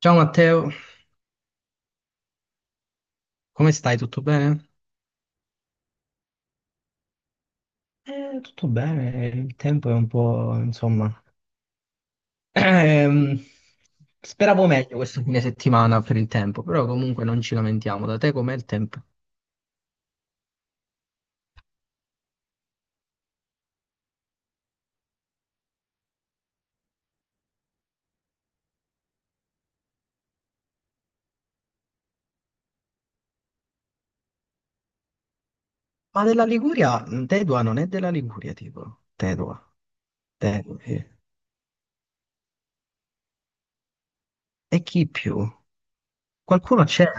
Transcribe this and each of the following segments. Ciao Matteo, come stai? Tutto bene? Tutto bene, il tempo è un po', insomma, ehm, speravo meglio questo fine settimana per il tempo, però comunque non ci lamentiamo. Da te com'è il tempo? Ma della Liguria, Tedua non è della Liguria, tipo. Tedua, Tedua, sì. E chi più? Qualcuno c'è?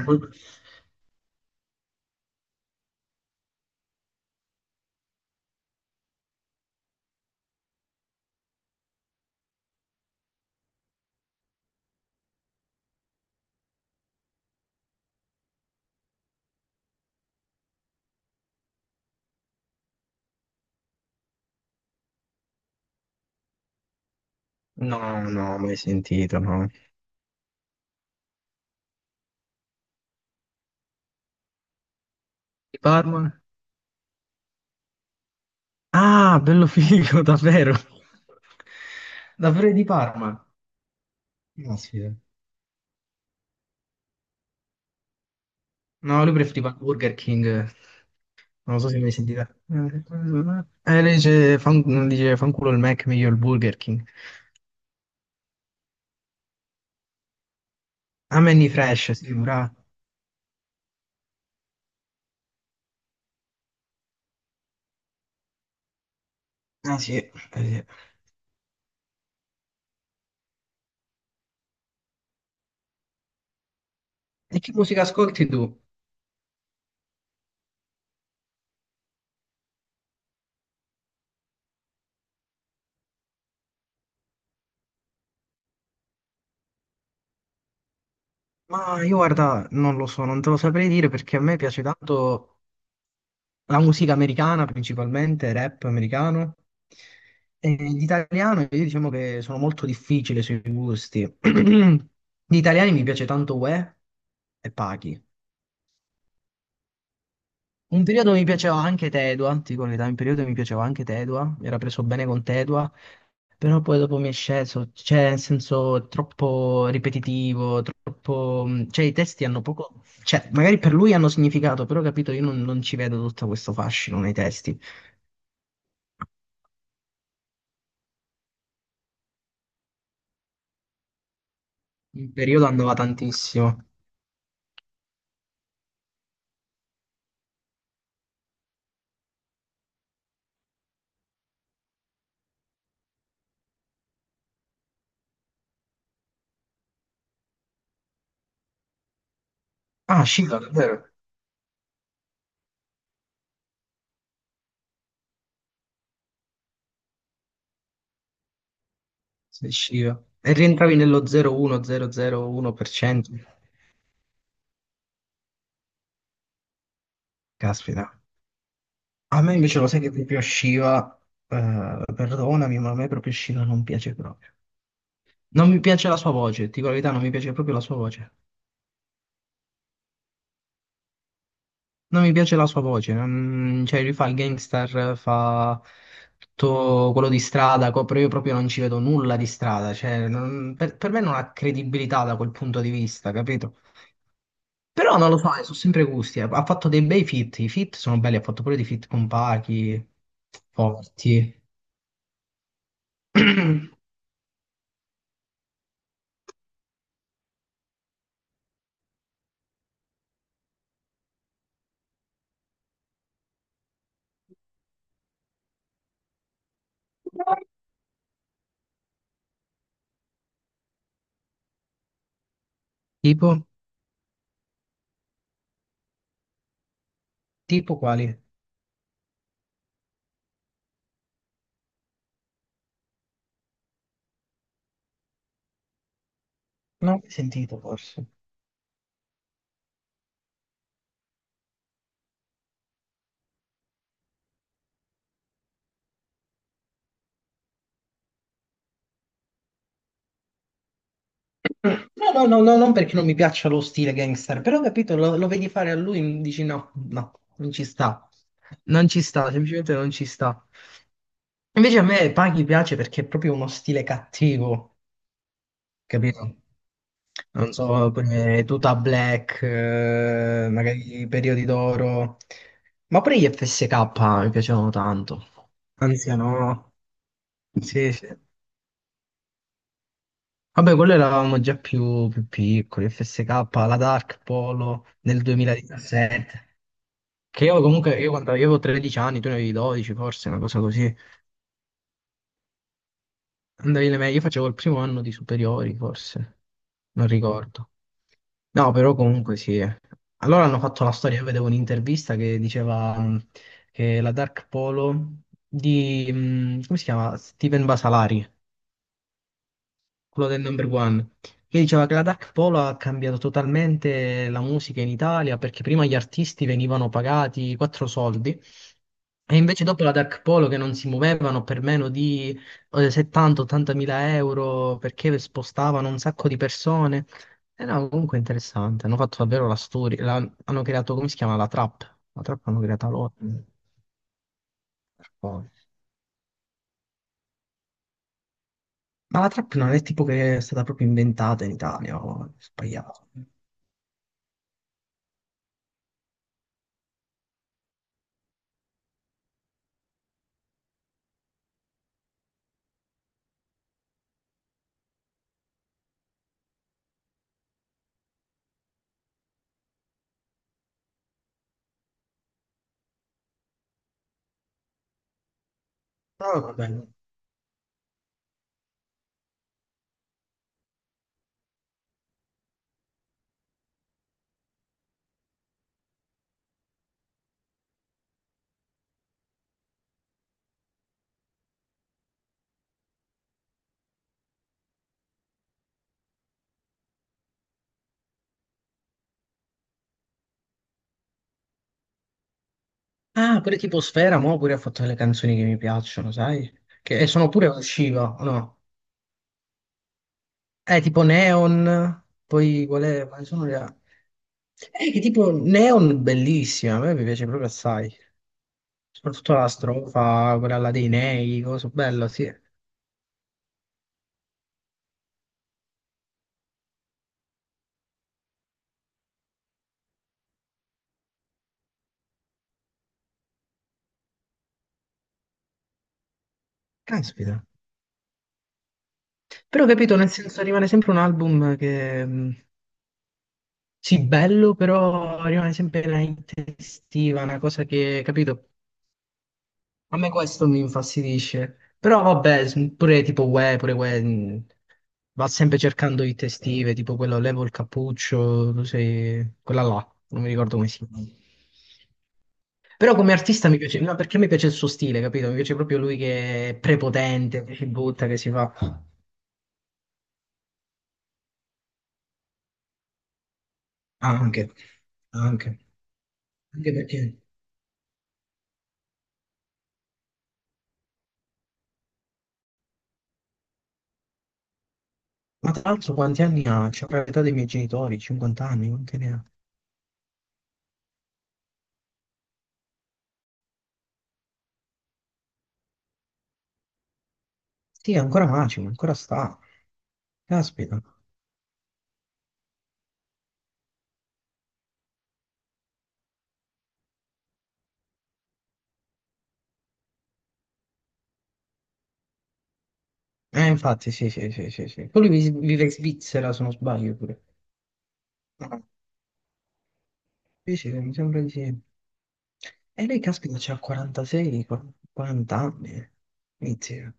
No, no, mai sentito, no. Di Parma? Ah, bello figo, davvero. Davvero di Parma. Caspita. No, lui preferiva Burger King. Non so se mi sentite. Lei dice, dice fanculo il Mac, meglio il Burger King. A me ni fresh, sì, bravo. Ah sì, sì. E che musica ascolti tu? Ma io guarda, non lo so, non te lo saprei dire perché a me piace tanto la musica americana principalmente, rap americano. E l'italiano, io diciamo che sono molto difficile sui gusti. Gli italiani mi piace tanto Uè e Pachi. Un periodo mi piaceva anche Tedua, ti dico la verità, un periodo mi piaceva anche Tedua, mi era preso bene con Tedua, però poi dopo mi è sceso, cioè nel senso troppo ripetitivo, troppo, cioè i testi hanno poco, cioè magari per lui hanno significato, però capito, io non ci vedo tutto questo fascino nei testi. Un periodo andava tantissimo. Ah, Shiva, davvero? Sei Shiva. E rientravi nello 0,1, 0,01%. Caspita. A me invece lo sai che proprio Shiva, perdonami, ma a me proprio Shiva non piace proprio. Non mi piace la sua voce, ti dico la verità, non mi piace proprio la sua voce. Non mi piace la sua voce, cioè lui fa il gangster, fa tutto quello di strada, però io proprio non ci vedo nulla di strada, per me non ha credibilità da quel punto di vista, capito? Però non lo so, sono sempre gusti, ha fatto dei bei feat, i feat sono belli, ha fatto pure dei feat con Pachi, forti. Tipo? Tipo quali? Non ho mai sentito forse. No, no, no, no, non perché non mi piaccia lo stile gangster, però ho capito, lo vedi fare a lui, dici no, no, non ci sta. Non ci sta, semplicemente non ci sta. Invece a me Paghi piace perché è proprio uno stile cattivo, capito? Non so, come tuta black, magari i periodi d'oro, ma pure gli FSK mi piacevano tanto. Anziano, sì, sì. Vabbè, quello eravamo già più piccoli, FSK, la Dark Polo nel 2017. Che io comunque, io quando io avevo 13 anni, tu ne avevi 12 forse, una cosa così. Andavi alle medie, io facevo il primo anno di superiori forse, non ricordo. No, però comunque sì. Allora hanno fatto la storia, io vedevo un'intervista che diceva che la Dark Polo di, come si chiama? Steven Basalari, quello del number one, che diceva che la Dark Polo ha cambiato totalmente la musica in Italia perché prima gli artisti venivano pagati quattro soldi e invece dopo la Dark Polo che non si muovevano per meno di 70-80 mila euro perché spostavano un sacco di persone. E no, comunque interessante, hanno fatto davvero la storia, hanno creato, come si chiama, la trap hanno creata loro. Per poi. Ma la trap non è tipo che è stata proprio inventata in Italia, o è sbagliato. Però vabbè. Ah, pure tipo Sfera, mo pure ha fatto delle canzoni che mi piacciono, sai? Che e sono pure usciva, o no? Tipo Neon, poi qual è? Quali sono le. Che tipo Neon bellissima, a me mi piace proprio assai. Soprattutto la strofa, quella là dei nei, cosa bella, sì. Caspita. Però capito, nel senso rimane sempre un album che, sì, bello, però rimane sempre una estiva, una cosa che, capito? A me questo mi infastidisce. Però vabbè, pure tipo Uè, pure Uè, va sempre cercando di testive, tipo quello levo il cappuccio, tu sei, quella là, non mi ricordo come si chiama. Però come artista mi piace, no, perché mi piace il suo stile, capito? Mi piace proprio lui che è prepotente, che si butta, che si fa. Ah, anche, anche perché. Ma tra l'altro quanti anni ha? C'è l'età dei miei genitori, 50 anni, quanti ne ha? Sì, ancora macimo, ancora sta. Caspita. Infatti, sì, sì, sì, sì, sì. Poi lui vive in Svizzera, se non sbaglio, pure. Ah, sì, sì, mi sembra di sì. E lei, caspita, c'ha 46, 40 anni. Inizia.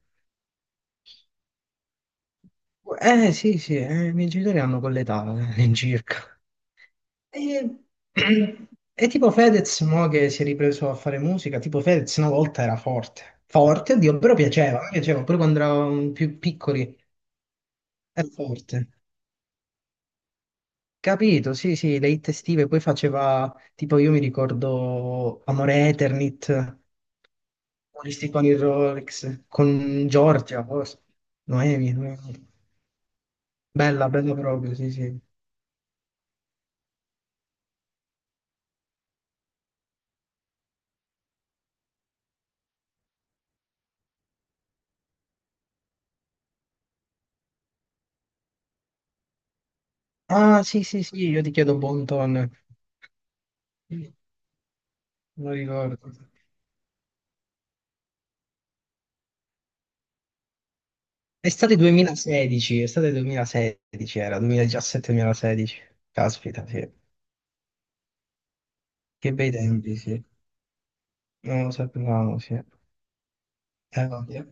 Sì, sì, i miei genitori hanno quell'età, all'incirca. E, e tipo Fedez, mo che si è ripreso a fare musica, tipo Fedez una volta era forte. Forte, oddio, però piaceva, a me piaceva, pure quando eravamo più piccoli. È forte. Capito, sì, sì, le hit estive, poi faceva, tipo io mi ricordo Amore Eternit, Moristi con il Rolex, con Giorgia, forse, Noemi, Noemi. Bella, bella proprio, sì, sì. Ah, sì, sì, sì, io ti chiedo Bonton, non ricordo. Estate 2016, estate 2016 era, 2017-2016, caspita, sì. Che bei tempi, sì. Non lo sapevamo, sì. Vabbè. È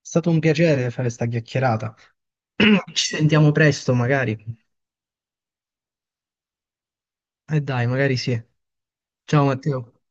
stato un piacere fare sta chiacchierata. Ci sentiamo presto, magari. E dai, magari sì. Ciao Matteo.